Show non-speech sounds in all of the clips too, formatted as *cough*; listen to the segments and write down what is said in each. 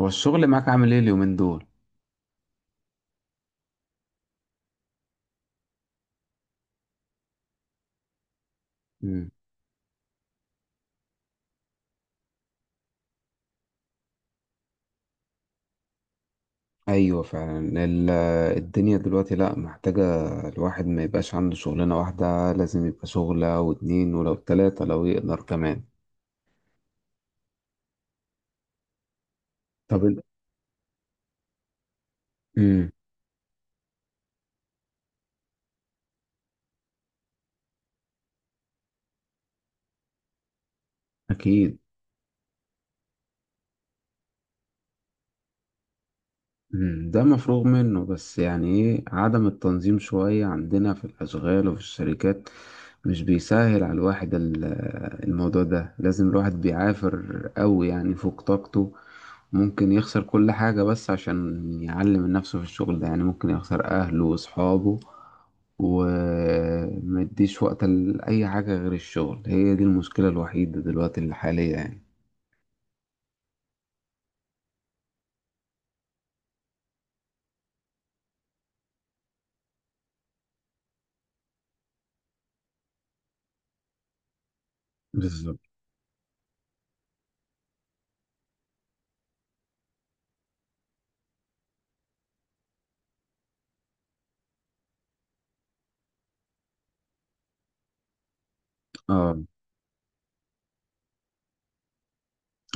هو الشغل معاك عامل ايه اليومين دول؟ مم. ايوه فعلا الدنيا دلوقتي لا محتاجة الواحد ما يبقاش عنده شغلانة واحدة، لازم يبقى شغلة واتنين ولو تلاتة لو يقدر كمان. طب انت امم اكيد. ده مفروغ منه، بس يعني ايه عدم التنظيم شوية عندنا في الأشغال وفي الشركات. مش بيسهل على الواحد الموضوع ده، لازم الواحد بيعافر قوي يعني فوق طاقته. ممكن يخسر كل حاجة بس عشان يعلم من نفسه في الشغل ده، يعني ممكن يخسر أهله وأصحابه، ومديش وقت لأي حاجة غير الشغل. هي دي المشكلة الوحيدة دلوقتي الحالية يعني. بالظبط اه.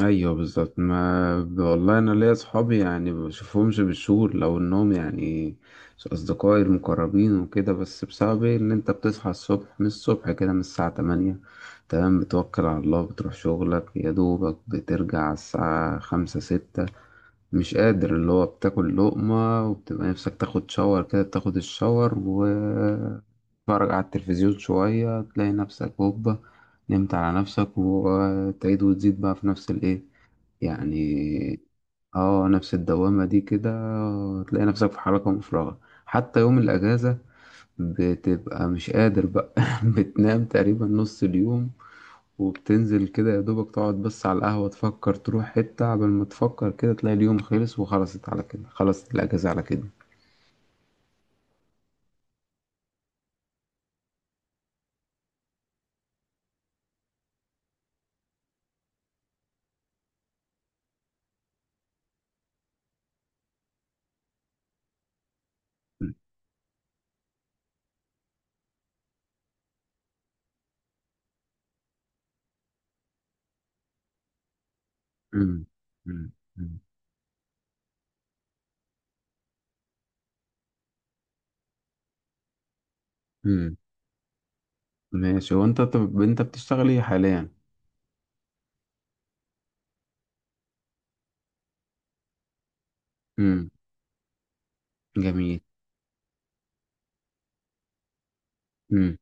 ايوه بالظبط، ما والله انا ليا صحابي يعني ما بشوفهمش بالشهور، لو انهم يعني اصدقائي المقربين وكده. بس بسبب ايه؟ ان انت بتصحى الصبح، من الصبح كده من الساعة 8 تمام، بتوكل على الله بتروح شغلك، يا دوبك بترجع على الساعة 5 6 مش قادر، اللي هو بتاكل لقمة وبتبقى نفسك تاخد شاور كده. بتاخد الشاور و تتفرج على التلفزيون شوية، تلاقي نفسك هوبا نمت على نفسك. وتعيد وتزيد بقى في نفس الايه يعني. اه، نفس الدوامة دي كده، تلاقي نفسك في حركة مفرغة. حتى يوم الأجازة بتبقى مش قادر بقى *laughs* بتنام تقريبا نص اليوم، وبتنزل كده يا دوبك تقعد بس على القهوة، تفكر تروح حتة، قبل ما تفكر كده تلاقي اليوم خلص وخلصت على كده، خلصت الأجازة على كده. أمم، أمم، أمم، أمم. ماشي، وانت طب انت بتشتغل ايه حاليا؟ أمم، جميل. مم.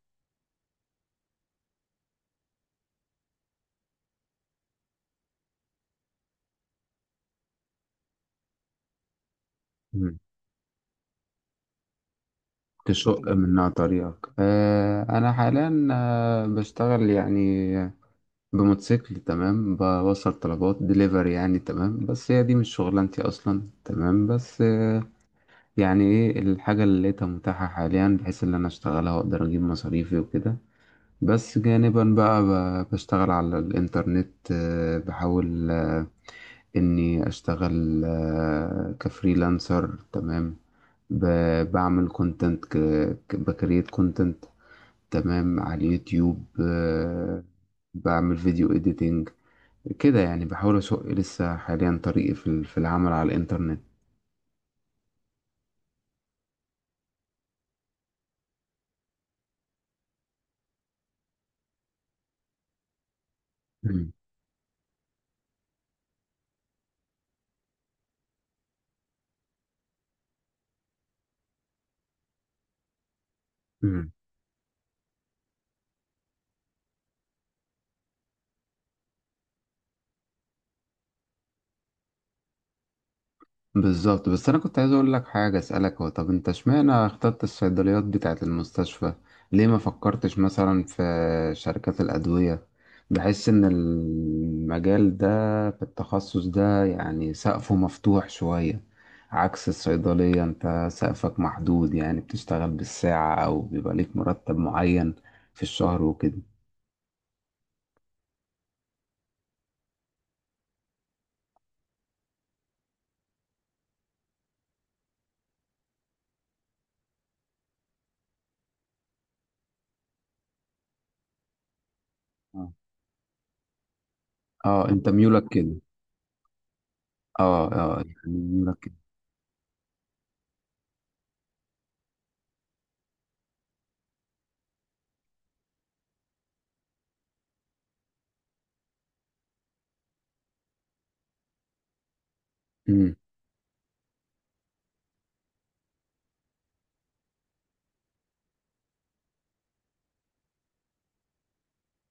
مم. تشق منها طريقك. أنا حاليا بشتغل يعني بموتوسيكل تمام، بوصل طلبات دليفري يعني تمام. بس هي دي مش شغلانتي أصلا تمام، بس يعني إيه الحاجة اللي لقيتها متاحة حاليا بحيث إن أنا أشتغلها وأقدر أجيب مصاريفي وكده. بس جانبا بقى بشتغل على الإنترنت، بحاول إني أشتغل كفريلانسر تمام. بعمل كونتنت، بكريت كونتنت تمام على اليوتيوب. بعمل فيديو إديتنج كده يعني، بحاول أسوق لسه حاليا طريقي في في العمل على الإنترنت. مم. بالظبط، بس انا كنت عايز اقول لك حاجه، اسالك هو طب انت اشمعنى اخترت الصيدليات بتاعه المستشفى؟ ليه ما فكرتش مثلا في شركات الادويه؟ بحس ان المجال ده، في التخصص ده يعني سقفه مفتوح شويه، عكس الصيدليه انت سقفك محدود، يعني بتشتغل بالساعه او بيبقى ليك مرتب معين في الشهر وكده. آه. اه انت ميولك كده. اه اه يعني ميولك كده.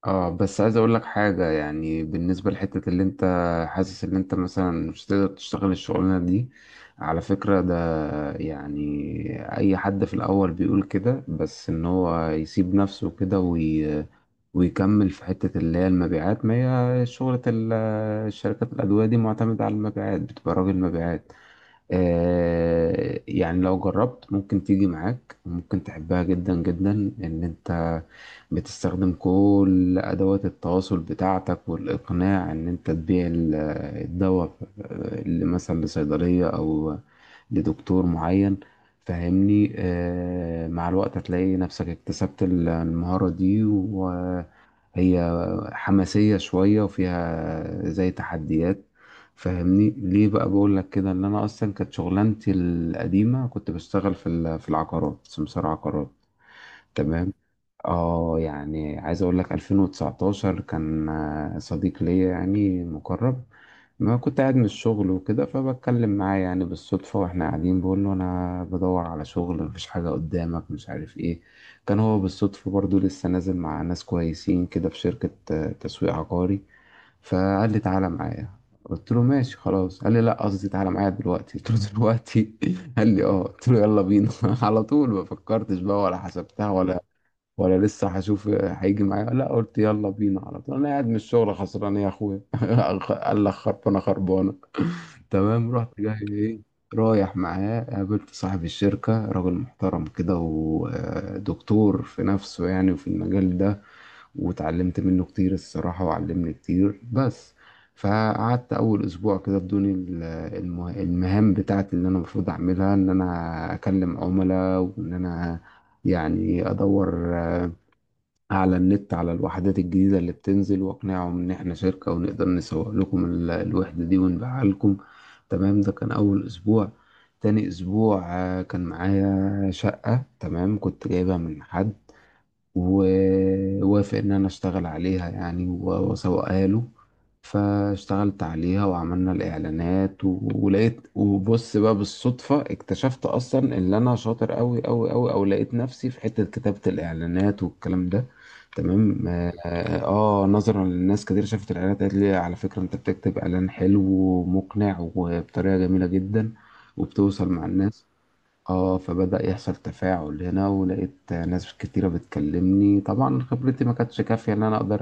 اه بس عايز اقول لك حاجة، يعني بالنسبة لحتة اللي انت حاسس ان انت مثلا مش تقدر تشتغل الشغلانة دي، على فكرة ده يعني اي حد في الاول بيقول كده، بس ان هو يسيب نفسه كده ويكمل في حتة اللي هي المبيعات. ما هي شغلة الشركات الادوية دي معتمدة على المبيعات، بتبقى راجل مبيعات. يعني لو جربت ممكن تيجي معاك وممكن تحبها جدا جدا، ان انت بتستخدم كل ادوات التواصل بتاعتك والاقناع ان انت تبيع الدواء اللي مثلا لصيدلية او لدكتور معين. فاهمني، مع الوقت هتلاقي نفسك اكتسبت المهارة دي، وهي حماسية شوية وفيها زي تحديات. فاهمني ليه بقى بقول لك كده، ان انا اصلا كانت شغلانتي القديمه كنت بشتغل في في العقارات سمسار عقارات تمام. اه يعني عايز اقول لك، 2019 كان صديق ليا يعني مقرب، ما كنت قاعد من الشغل وكده، فبتكلم معاه يعني بالصدفه واحنا قاعدين، بقول له انا بدور على شغل، مفيش حاجه قدامك مش عارف ايه. كان هو بالصدفه برضو لسه نازل مع ناس كويسين كده في شركه تسويق عقاري. فقال لي تعالى معايا، قلت له ماشي خلاص. قال لي لا، قصدي تعالى معايا دلوقتي. قلت له دلوقتي؟ *laughs* قال لي اه. قلت له يلا بينا *laughs* على طول، ما فكرتش بقى ولا حسبتها، ولا ولا لسه هشوف هيجي معايا. لا، قلت يلا بينا على طول، انا قاعد من الشغل خسران يا اخويا. *laughs* قال لك خربانه خربانه تمام، رحت جاي ايه رايح معاه. قابلت صاحب الشركة، راجل محترم كده ودكتور في نفسه يعني وفي المجال ده، واتعلمت منه كتير الصراحة وعلمني كتير. بس فقعدت أول أسبوع كده بدون المهام بتاعتي اللي أنا المفروض أعملها، إن أنا أكلم عملاء، وإن أنا يعني أدور على النت على الوحدات الجديدة اللي بتنزل، وأقنعهم إن إحنا شركة ونقدر نسوق لكم الوحدة دي ونبيعها لكم تمام. ده كان أول أسبوع. تاني أسبوع كان معايا شقة تمام، كنت جايبها من حد ووافق إن أنا أشتغل عليها يعني وأسوقها له. فاشتغلت عليها وعملنا الإعلانات ولقيت، وبص بقى بالصدفة اكتشفت أصلا إن أنا شاطر أوي أوي أوي، أو لقيت نفسي في حتة كتابة الإعلانات والكلام ده تمام. آه نظرا للناس كتير شافت الإعلانات قالت لي على فكرة أنت بتكتب إعلان حلو ومقنع وبطريقة جميلة جدا، وبتوصل مع الناس. اه فبدأ يحصل تفاعل هنا، ولقيت ناس كتيرة بتكلمني، طبعا خبرتي ما كانتش كافية ان انا اقدر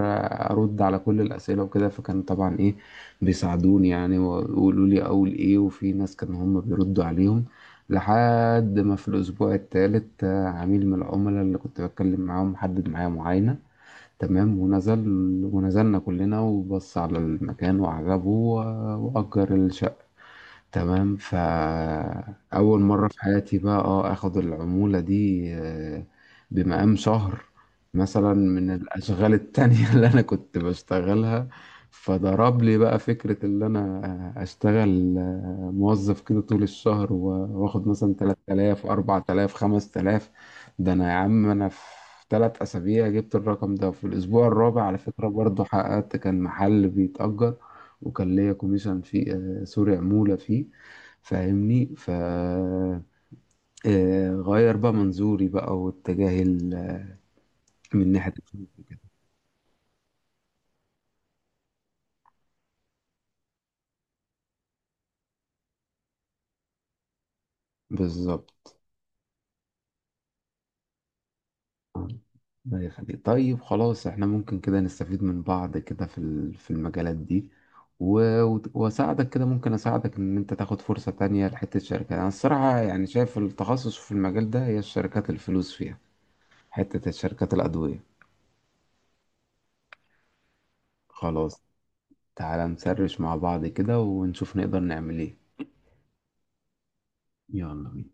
ارد على كل الاسئلة وكده، فكان طبعا ايه بيساعدوني يعني ويقولوا لي اقول ايه، وفي ناس كانوا هم بيردوا عليهم. لحد ما في الاسبوع الثالث عميل من العملاء اللي كنت بتكلم معاهم حدد معايا معاينة تمام، ونزل ونزلنا كلنا، وبص على المكان وعجبه وأجر الشقة تمام. فأول مرة في حياتي بقى اه اخد العمولة دي بمقام شهر مثلا من الأشغال التانية *laughs* اللي أنا كنت بشتغلها. فضرب لي بقى فكرة، اللي أنا أشتغل موظف كده طول الشهر وآخد مثلا 3000 4000 5000. ده أنا يا عم، أنا في 3 أسابيع جبت الرقم ده. في الأسبوع الرابع على فكرة برضه حققت، كان محل بيتأجر وكان ليا كوميشن فيه، سوري عمولة فيه. فاهمني، ف غير بقى منظوري بقى واتجاهي من ناحية بالظبط. الله يخليك، طيب خلاص احنا ممكن كده نستفيد من بعض كده في في المجالات دي، واساعدك كده، ممكن اساعدك ان انت تاخد فرصة تانية لحتة شركة، انا الصراحة يعني شايف التخصص في المجال ده هي الشركات الفلوس فيها، حتة الشركات الأدوية. خلاص، تعالى نسرش مع بعض كده ونشوف نقدر نعمل ايه. يلا بينا.